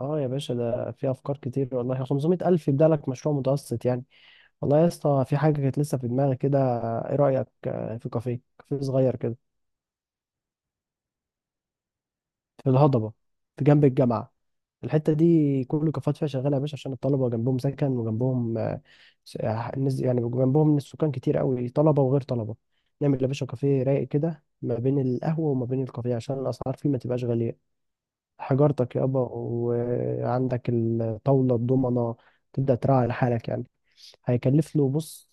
اه، يا باشا ده في افكار كتير، والله 500 الف يبدا لك مشروع متوسط يعني. والله يا اسطى في حاجه كانت لسه في دماغي كده. ايه رايك، في كافيه، كافيه صغير كده؟ في الهضبه، في جنب الجامعه. الحته دي كل الكافيهات فيها شغاله يا باشا، عشان الطلبه جنبهم سكن، وجنبهم الناس يعني، جنبهم السكان كتير قوي، طلبه وغير طلبه. نعمل يا باشا كافيه رايق كده ما بين القهوه وما بين الكافيه، عشان الاسعار فيه ما تبقاش غاليه. حجارتك يابا، وعندك الطاوله الضمنه. تبدا تراعي لحالك يعني. هيكلف له. بص،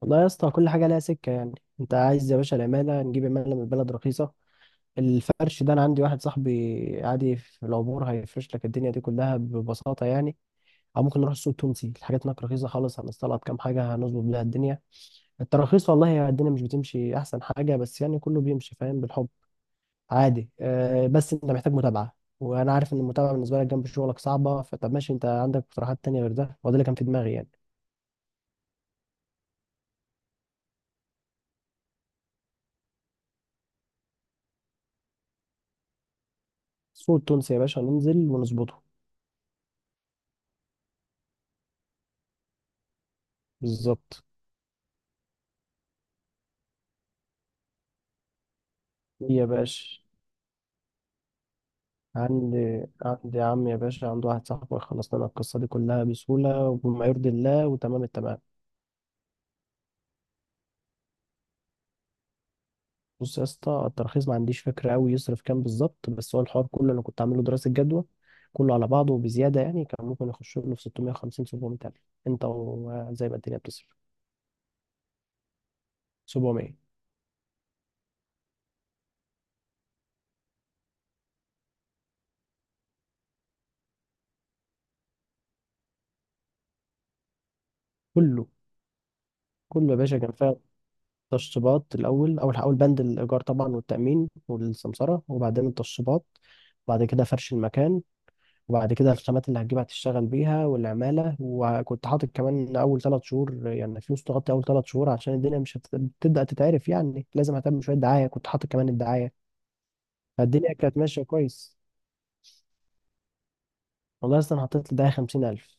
والله يا اسطى كل حاجه لها سكه يعني. انت عايز يا باشا العماله، نجيب عماله من البلد رخيصه. الفرش ده انا عندي واحد صاحبي عادي في العبور، هيفرش لك الدنيا دي كلها ببساطه يعني. او ممكن نروح السوق التونسي، الحاجات هناك رخيصه خالص، هنستلط كام حاجه هنظبط بيها الدنيا. التراخيص والله يا الدنيا مش بتمشي احسن حاجه، بس يعني كله بيمشي فاهم، بالحب عادي. أه، بس انت محتاج متابعه، وانا عارف ان المتابعه بالنسبه لك جنب شغلك صعبه، فطب ماشي. انت عندك اقتراحات تانية غير ده؟ هو ده اللي كان في دماغي يعني. السوق التونسي يا باشا ننزل ونظبطه. بالظبط. يا باشا عندي عم يا باشا، عنده واحد صاحبه خلص لنا القصة دي كلها بسهولة وبما يرضي الله وتمام التمام. بص يا اسطى، الترخيص ما عنديش فكرة قوي يصرف كام بالظبط، بس هو الحوار كله انا كنت عامله دراسة جدوى. كله على بعضه وبزيادة يعني كان ممكن يخش له في 650 700 ألف. انت وزي ما الدنيا بتصرف. 700. كله كله يا باشا كان فيها تشطيبات. الأول، أول بند الإيجار طبعا، والتأمين والسمسرة، وبعدين التشطيبات. بعد كده فرش المكان. وبعد كده الخامات اللي هتجيبها تشتغل بيها، والعمالة. وكنت حاطط كمان أول 3 شهور، يعني فلوس تغطي أول 3 شهور، عشان الدنيا مش هتبدأ تتعرف يعني، لازم أهتم شوية دعاية. كنت حاطط كمان الدعاية. فالدنيا كانت ماشية كويس. والله أصلا حطيت لدعاية 50,000.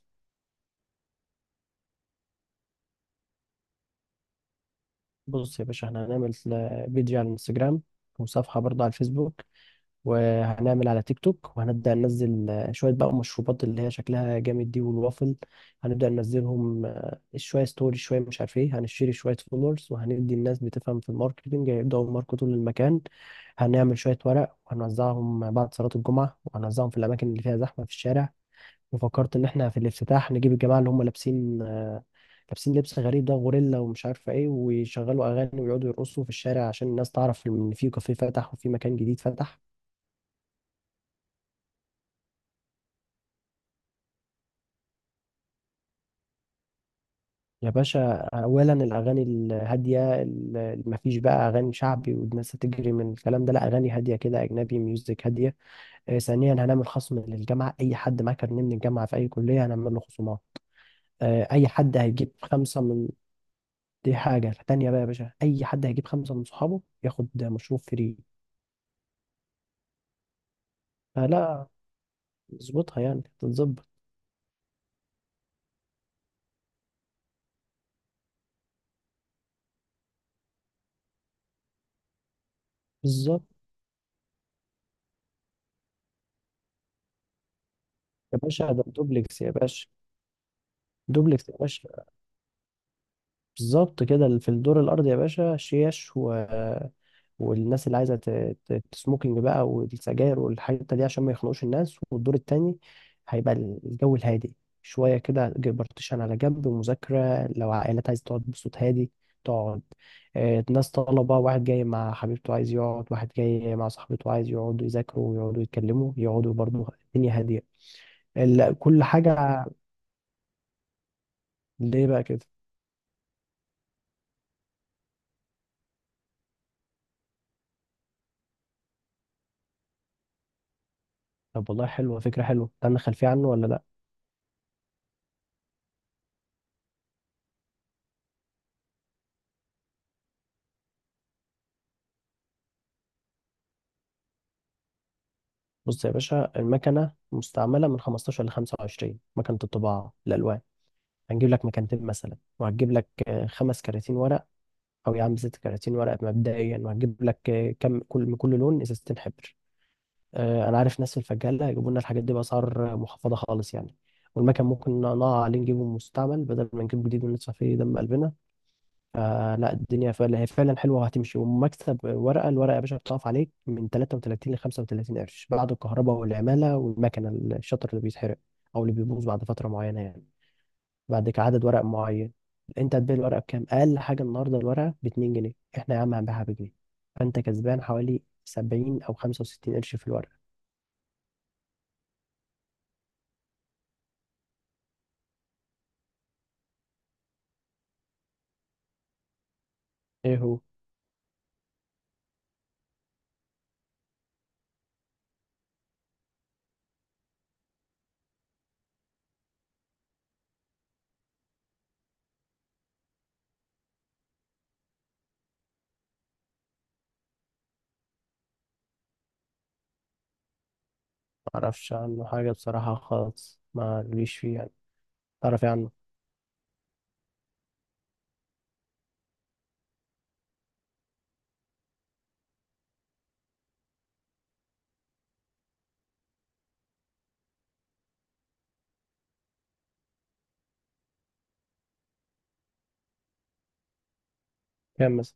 بص يا باشا احنا هنعمل بيج على الانستجرام، وصفحة برضه على الفيسبوك، وهنعمل على تيك توك. وهنبدأ ننزل شوية بقى مشروبات اللي هي شكلها جامد دي، والوافل. هنبدأ ننزلهم شوية ستوري، شوية مش عارف ايه، هنشتري شوية فولورز، وهندي الناس بتفهم في الماركتينج هيبدأوا يماركتوا للمكان. هنعمل شوية ورق وهنوزعهم بعد صلاة الجمعة، وهنوزعهم في الأماكن اللي فيها زحمة في الشارع. وفكرت إن إحنا في الافتتاح نجيب الجماعة اللي هم لابسين لبس غريب ده، غوريلا ومش عارفة إيه، ويشغلوا أغاني ويقعدوا يرقصوا في الشارع، عشان الناس تعرف إن في كافيه فتح، وفي مكان جديد فتح. يا باشا، اولا الاغاني الهاديه، ما فيش بقى اغاني شعبي، والناس هتجري من الكلام ده، لا، اغاني هاديه كده، اجنبي، ميوزك هاديه. ثانيا هنعمل خصم للجامعه، اي حد معاه كارنيه من الجامعه في اي كليه هنعمل له خصومات. آه، اي حد هيجيب خمسه من دي حاجه تانية بقى يا باشا، اي حد هيجيب خمسه من صحابه ياخد مشروب فري. فلا، نظبطها يعني تتظبط. بالظبط. يا باشا ده دوبلكس يا باشا. دوبلكس يا باشا. بالظبط كده، في الدور الأرضي يا باشا شيش والناس اللي عايزة تسموكينج بقى، والسجاير والحاجات دي، عشان ما يخنقوش الناس. والدور التاني هيبقى الجو الهادي، شوية كده، بارتيشن على جنب، ومذاكرة، لو عائلات عايزة تقعد بصوت هادي تقعد. ناس طلبة، واحد جاي مع حبيبته عايز يقعد، واحد جاي مع صاحبته عايز يقعدوا يذاكروا ويقعدوا يتكلموا يقعدوا برضه، الدنيا هادية، كل حاجة. ليه بقى كده؟ طب والله حلوة، فكرة حلوة. عندك خلفية عنه ولا لأ؟ بص يا باشا المكنة مستعملة من 15 ل 25، مكنة الطباعة الألوان. هنجيب لك مكانتين مثلا، وهتجيب لك خمس كراتين ورق. أو يا عم ست كراتين ورق مبدئيا. وهتجيب لك كم، كل لون إزازتين حبر. أنا عارف ناس في الفجالة يجيبوا لنا الحاجات دي بأسعار محفظة خالص يعني. والمكن ممكن نقع عليه نجيبه مستعمل، بدل ما نجيب جديد وندفع فيه دم قلبنا. فلا، الدنيا فعلا، هي فعلا حلوه وهتمشي ومكسب. ورقه، الورقه يا باشا بتقف عليك من 33 ل 35 قرش، بعد الكهرباء والعماله والمكنه، الشطر اللي بيتحرق او اللي بيبوظ بعد فتره معينه يعني، بعد كده عدد ورق معين. انت هتبيع الورقه بكام؟ اقل حاجه النهارده الورقه ب 2 جنيه، احنا يا عم هنبيعها بجنيه. فانت كسبان حوالي 70 او 65 قرش في الورقه. ايه هو؟ معرفش عنه حاجه بصراحه خالص، ما ليش فيه يعني. تعرف إيه عنه؟ كام مثلا؟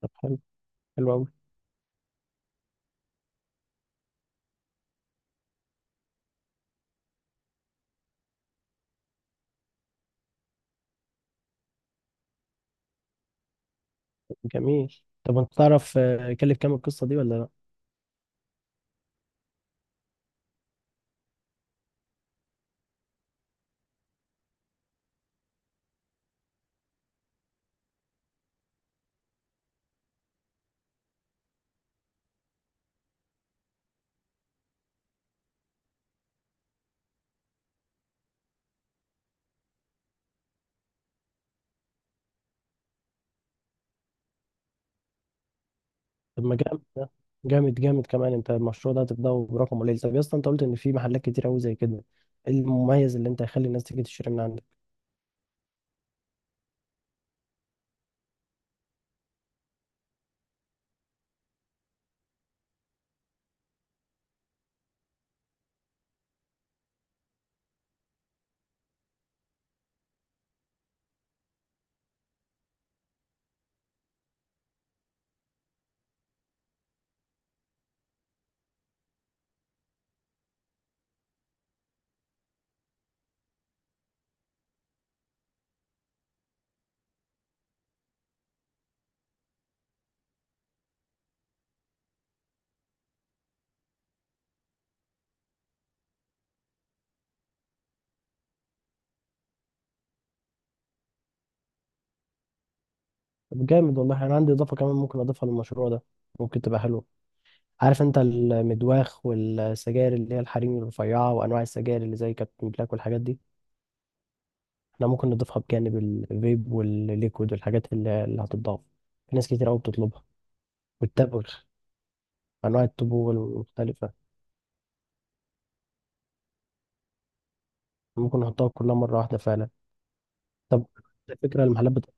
طب حلو، حلو أوي. جميل. طب انت تعرف كلف كام القصه دي ولا لا؟ طب ما جامد ده، جامد جامد كمان. انت المشروع ده هتبداه برقم قليل. طب يا اسطى، انت قلت ان في محلات كتير قوي زي كده، ايه المميز اللي انت هيخلي الناس تيجي تشتري من عندك؟ طب جامد والله، انا عندي اضافه كمان ممكن اضيفها للمشروع ده، ممكن تبقى حلوه. عارف انت المدواخ والسجاير اللي هي الحريم الرفيعه، وانواع السجاير اللي زي كابتن بلاك والحاجات دي؟ احنا ممكن نضيفها بجانب الفيب والليكويد، والحاجات اللي هتتضاف، في ناس كتير قوي بتطلبها. والتبغ، انواع الطبوع المختلفه. ممكن نحطها كلها مرة واحدة فعلا. طب، الفكرة، المحلات بتقول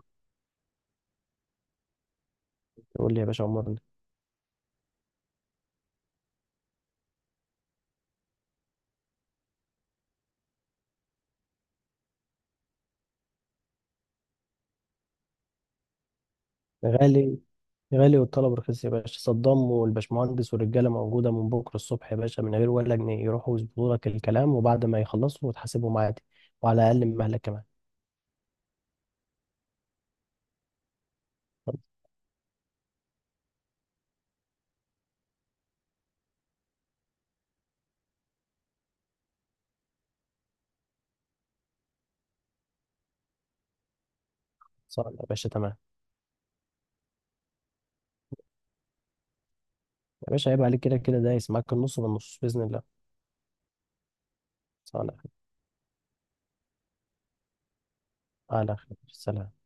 يقول لي يا باشا عمرنا. غالي. غالي والطلب رخيص يا باشا. صدام والباشمهندس والرجالة موجودة من بكرة الصبح يا باشا، من غير ولا جنيه، يروحوا يظبطوا لك الكلام، وبعد ما يخلصوا وتحاسبهم عادي، وعلى أقل من مهلك كمان. صار يا باشا، تمام. يا باشا عيب عليك، كده كده دايس معاك النص بالنص بإذن الله. صالح. على خير، سلام.